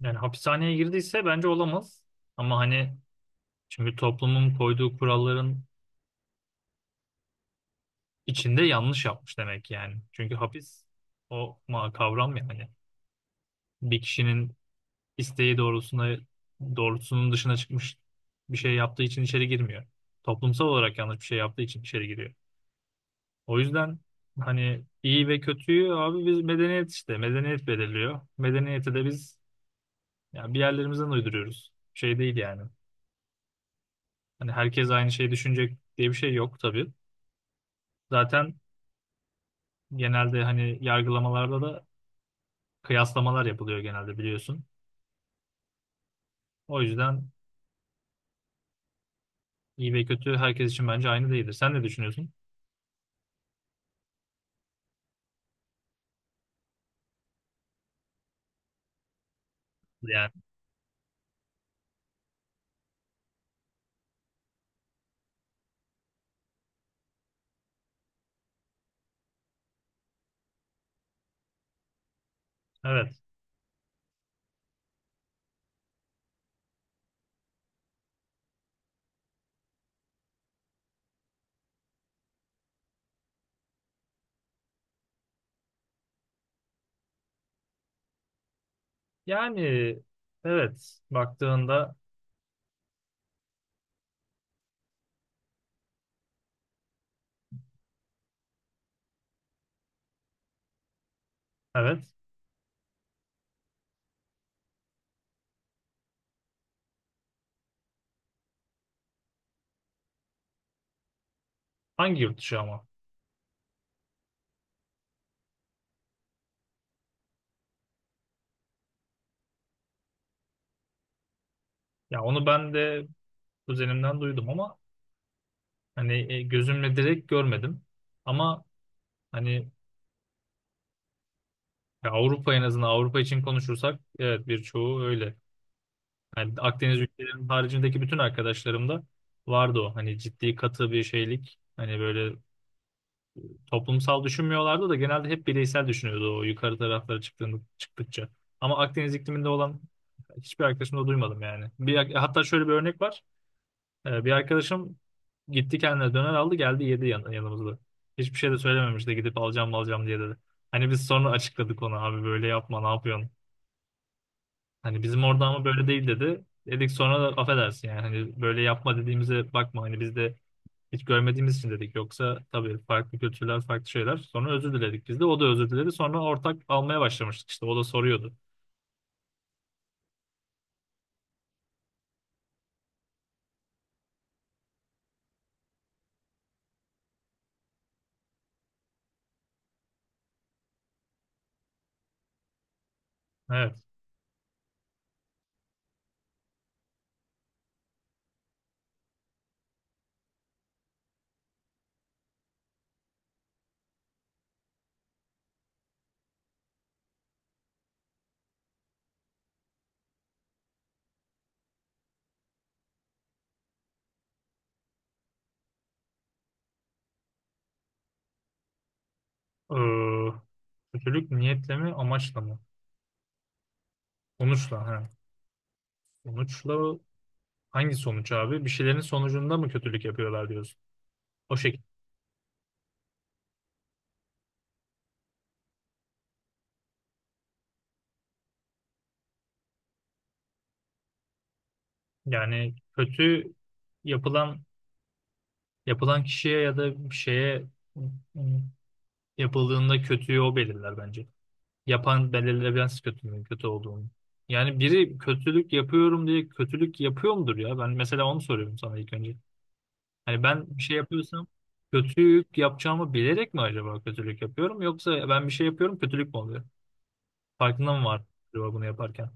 Yani hapishaneye girdiyse bence olamaz. Ama hani çünkü toplumun koyduğu kuralların içinde yanlış yapmış demek yani. Çünkü hapis o ma kavram yani. Bir kişinin isteği doğrultusunda doğrultusunun dışına çıkmış bir şey yaptığı için içeri girmiyor. Toplumsal olarak yanlış bir şey yaptığı için içeri giriyor. O yüzden hani iyi ve kötüyü abi biz medeniyet işte medeniyet belirliyor. Medeniyeti de biz yani bir yerlerimizden uyduruyoruz. Şey değil yani. Hani herkes aynı şeyi düşünecek diye bir şey yok tabii. Zaten genelde hani yargılamalarda da kıyaslamalar yapılıyor genelde biliyorsun. O yüzden iyi ve kötü herkes için bence aynı değildir. Sen ne düşünüyorsun? Yani evet. Yani evet baktığında evet. Hangi yurt dışı ama? Ya onu ben de kuzenimden duydum ama hani gözümle direkt görmedim. Ama hani ya Avrupa, en azından Avrupa için konuşursak evet birçoğu öyle. Yani Akdeniz ülkelerinin haricindeki bütün arkadaşlarımda vardı o. Hani ciddi katı bir şeylik. Hani böyle toplumsal düşünmüyorlardı da genelde hep bireysel düşünüyordu o yukarı taraflara çıktığında, çıktıkça. Ama Akdeniz ikliminde olan hiçbir arkadaşımda duymadım yani. Bir, hatta şöyle bir örnek var. Bir arkadaşım gitti kendine döner aldı geldi yedi yanımızda. Hiçbir şey de söylememiş de gidip alacağım alacağım diye dedi. Hani biz sonra açıkladık ona abi böyle yapma ne yapıyorsun. Hani bizim orada ama böyle değil dedi. Dedik sonra da affedersin yani hani böyle yapma dediğimize bakma hani biz de hiç görmediğimiz için dedik. Yoksa tabii farklı kültürler farklı şeyler. Sonra özür diledik biz de. O da özür diledi. Sonra ortak almaya başlamıştık işte. O da soruyordu. Evet. Ee, Kötülük niyetle mi amaçla mı? Sonuçla. Ha. Sonuçla hangi sonuç abi? Bir şeylerin sonucunda mı kötülük yapıyorlar diyorsun? O şekilde. Yani kötü yapılan yapılan kişiye ya da bir şeye yapıldığında kötüyü o belirler bence. Yapan belirlemez kötünün kötü olduğunu. Yani biri kötülük yapıyorum diye kötülük yapıyor mudur ya? Ben mesela onu soruyorum sana ilk önce. Hani ben bir şey yapıyorsam kötülük yapacağımı bilerek mi acaba kötülük yapıyorum? Yoksa ben bir şey yapıyorum kötülük mü oluyor? Farkında mı var acaba bunu yaparken?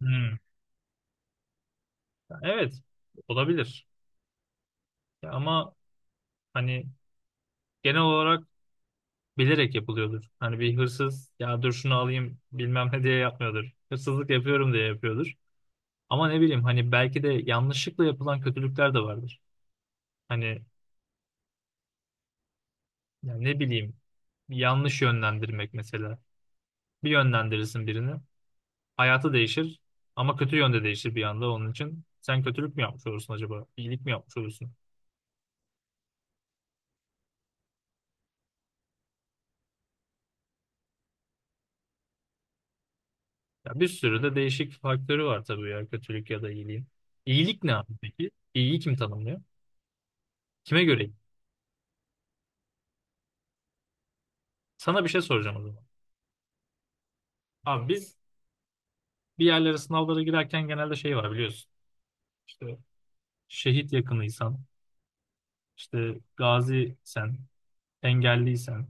Hmm. Evet, olabilir. Ya ama hani genel olarak bilerek yapılıyordur. Hani bir hırsız ya dur şunu alayım bilmem ne diye yapmıyordur. Hırsızlık yapıyorum diye yapıyordur. Ama ne bileyim hani belki de yanlışlıkla yapılan kötülükler de vardır. Hani yani ne bileyim yanlış yönlendirmek mesela. Bir yönlendirirsin birini, hayatı değişir ama kötü yönde değişir bir anda onun için. Sen kötülük mü yapmış olursun acaba? İyilik mi yapmış olursun? Ya bir sürü de değişik faktörü var tabii ya kötülük ya da iyiliğin. İyilik ne abi peki? İyiyi kim tanımlıyor? Kime göre iyi? Sana bir şey soracağım o zaman. Abi biz bir yerlere sınavlara girerken genelde şey var biliyorsun. İşte şehit yakınıysan, İşte gaziysen, engelliysen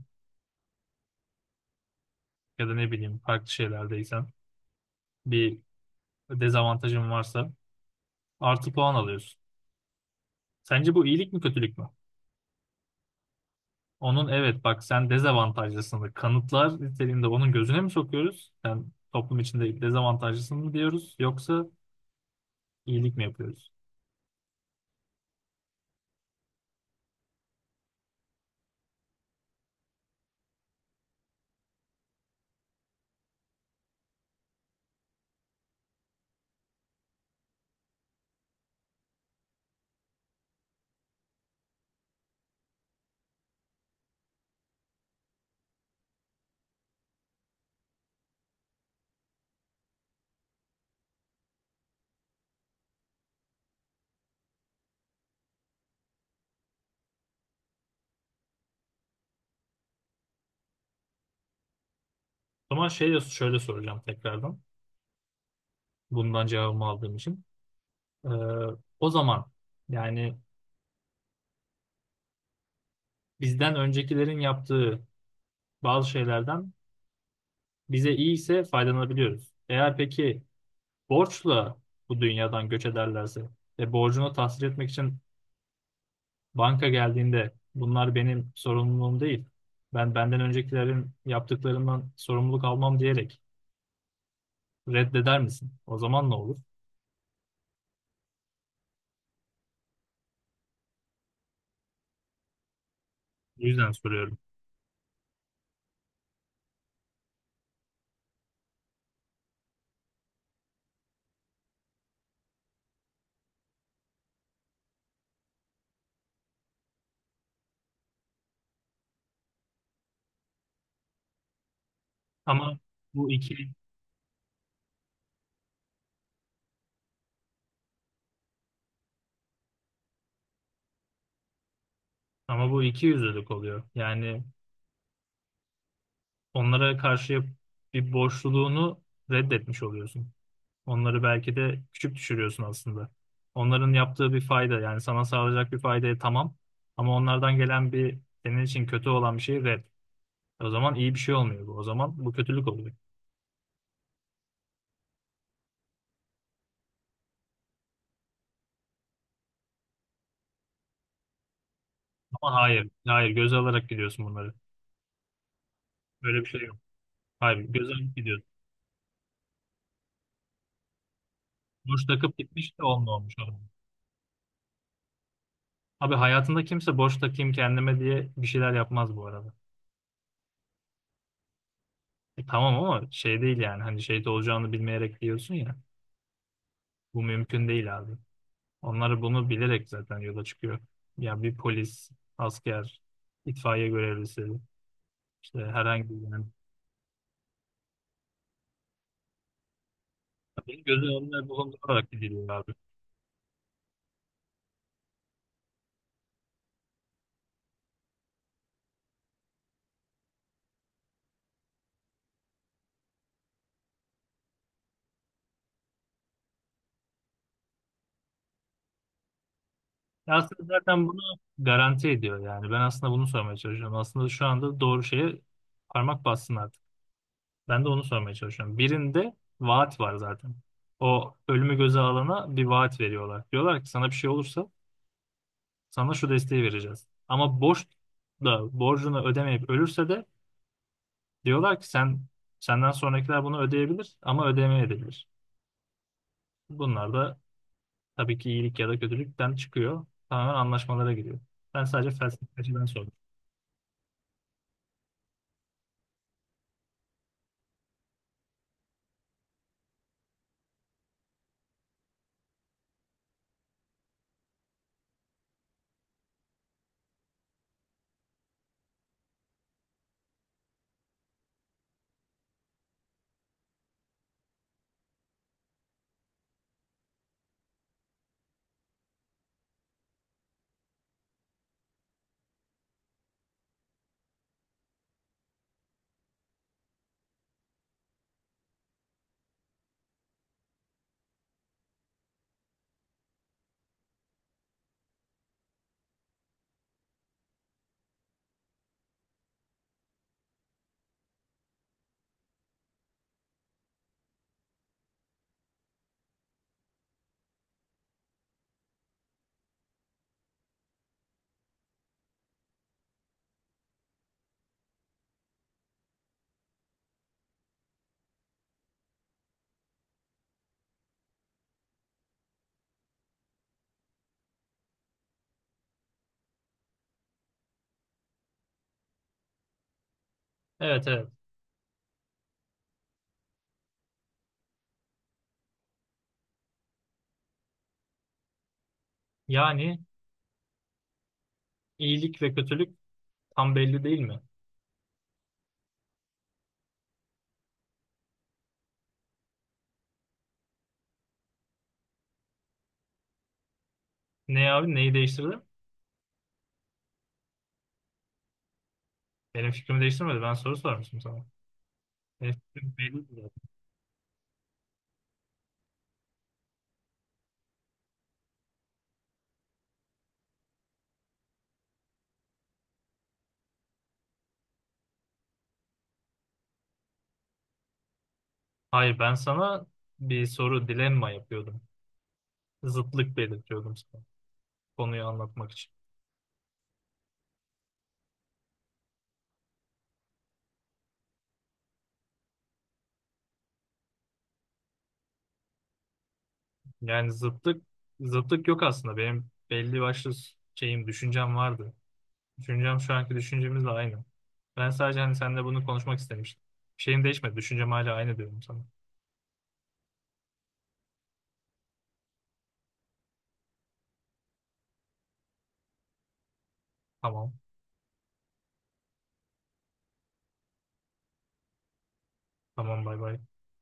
ya da ne bileyim farklı şeylerdeysen, bir dezavantajın varsa artı puan alıyorsun. Sence bu iyilik mi kötülük mü? Onun evet bak sen dezavantajlısın kanıtlar niteliğinde onun gözüne mi sokuyoruz? Sen toplum içinde dezavantajlısın mı diyoruz yoksa iyilik mi yapıyoruz? O zaman şey, şöyle soracağım tekrardan bundan cevabımı aldığım için. Ee, O zaman yani bizden öncekilerin yaptığı bazı şeylerden bize iyi ise faydalanabiliyoruz. Eğer peki borçla bu dünyadan göç ederlerse ve borcunu tahsil etmek için banka geldiğinde bunlar benim sorumluluğum değil. Ben benden öncekilerin yaptıklarından sorumluluk almam diyerek reddeder misin? O zaman ne olur? O yüzden soruyorum. Ama bu iki ama bu iki yüzlülük oluyor. Yani onlara karşı bir borçluluğunu reddetmiş oluyorsun. Onları belki de küçük düşürüyorsun aslında. Onların yaptığı bir fayda yani sana sağlayacak bir faydaya tamam ama onlardan gelen bir senin için kötü olan bir şey red. O zaman iyi bir şey olmuyor bu. O zaman bu kötülük oluyor. Ama hayır, hayır göze alarak gidiyorsun bunları. Böyle bir şey yok. Hayır, göze alıp gidiyorsun. Boş takıp gitmiş de onunla olmuş adam. Abi hayatında kimse boş takayım kendime diye bir şeyler yapmaz bu arada. E tamam ama şey değil yani hani şeyde olacağını bilmeyerek diyorsun ya. Bu mümkün değil abi. Onlar bunu bilerek zaten yola çıkıyor. Ya bir polis, asker, itfaiye görevlisi, işte herhangi bir yani. Benim gözüm önüne bulundurarak gidiliyor abi. Ya aslında zaten bunu garanti ediyor yani. Ben aslında bunu sormaya çalışıyorum. Aslında şu anda doğru şeye parmak bassın artık. Ben de onu sormaya çalışıyorum. Birinde vaat var zaten. O ölümü göze alana bir vaat veriyorlar. Diyorlar ki sana bir şey olursa sana şu desteği vereceğiz. Ama borç da borcunu ödemeyip ölürse de diyorlar ki sen, senden sonrakiler bunu ödeyebilir ama ödemeyebilir. Bunlar da tabii ki iyilik ya da kötülükten çıkıyor. Tamamen anlaşmalara giriyor. Ben sadece felsefeciden sordum. Evet, evet. Yani iyilik ve kötülük tam belli değil mi? Ne abi neyi değiştirdi? Benim fikrimi değiştirmedi. Ben soru sormuştum sana. Benim fikrim belli değil. Hayır ben sana bir soru dilemma yapıyordum. Zıtlık belirtiyordum sana. Konuyu anlatmak için. Yani zıtlık yok aslında. Benim belli başlı şeyim, düşüncem vardı. Düşüncem şu anki düşüncemizle aynı. Ben sadece hani seninle bunu konuşmak istemiştim. Şeyim değişmedi. Düşüncem hala aynı diyorum sana. Tamam. Tamam bay bay.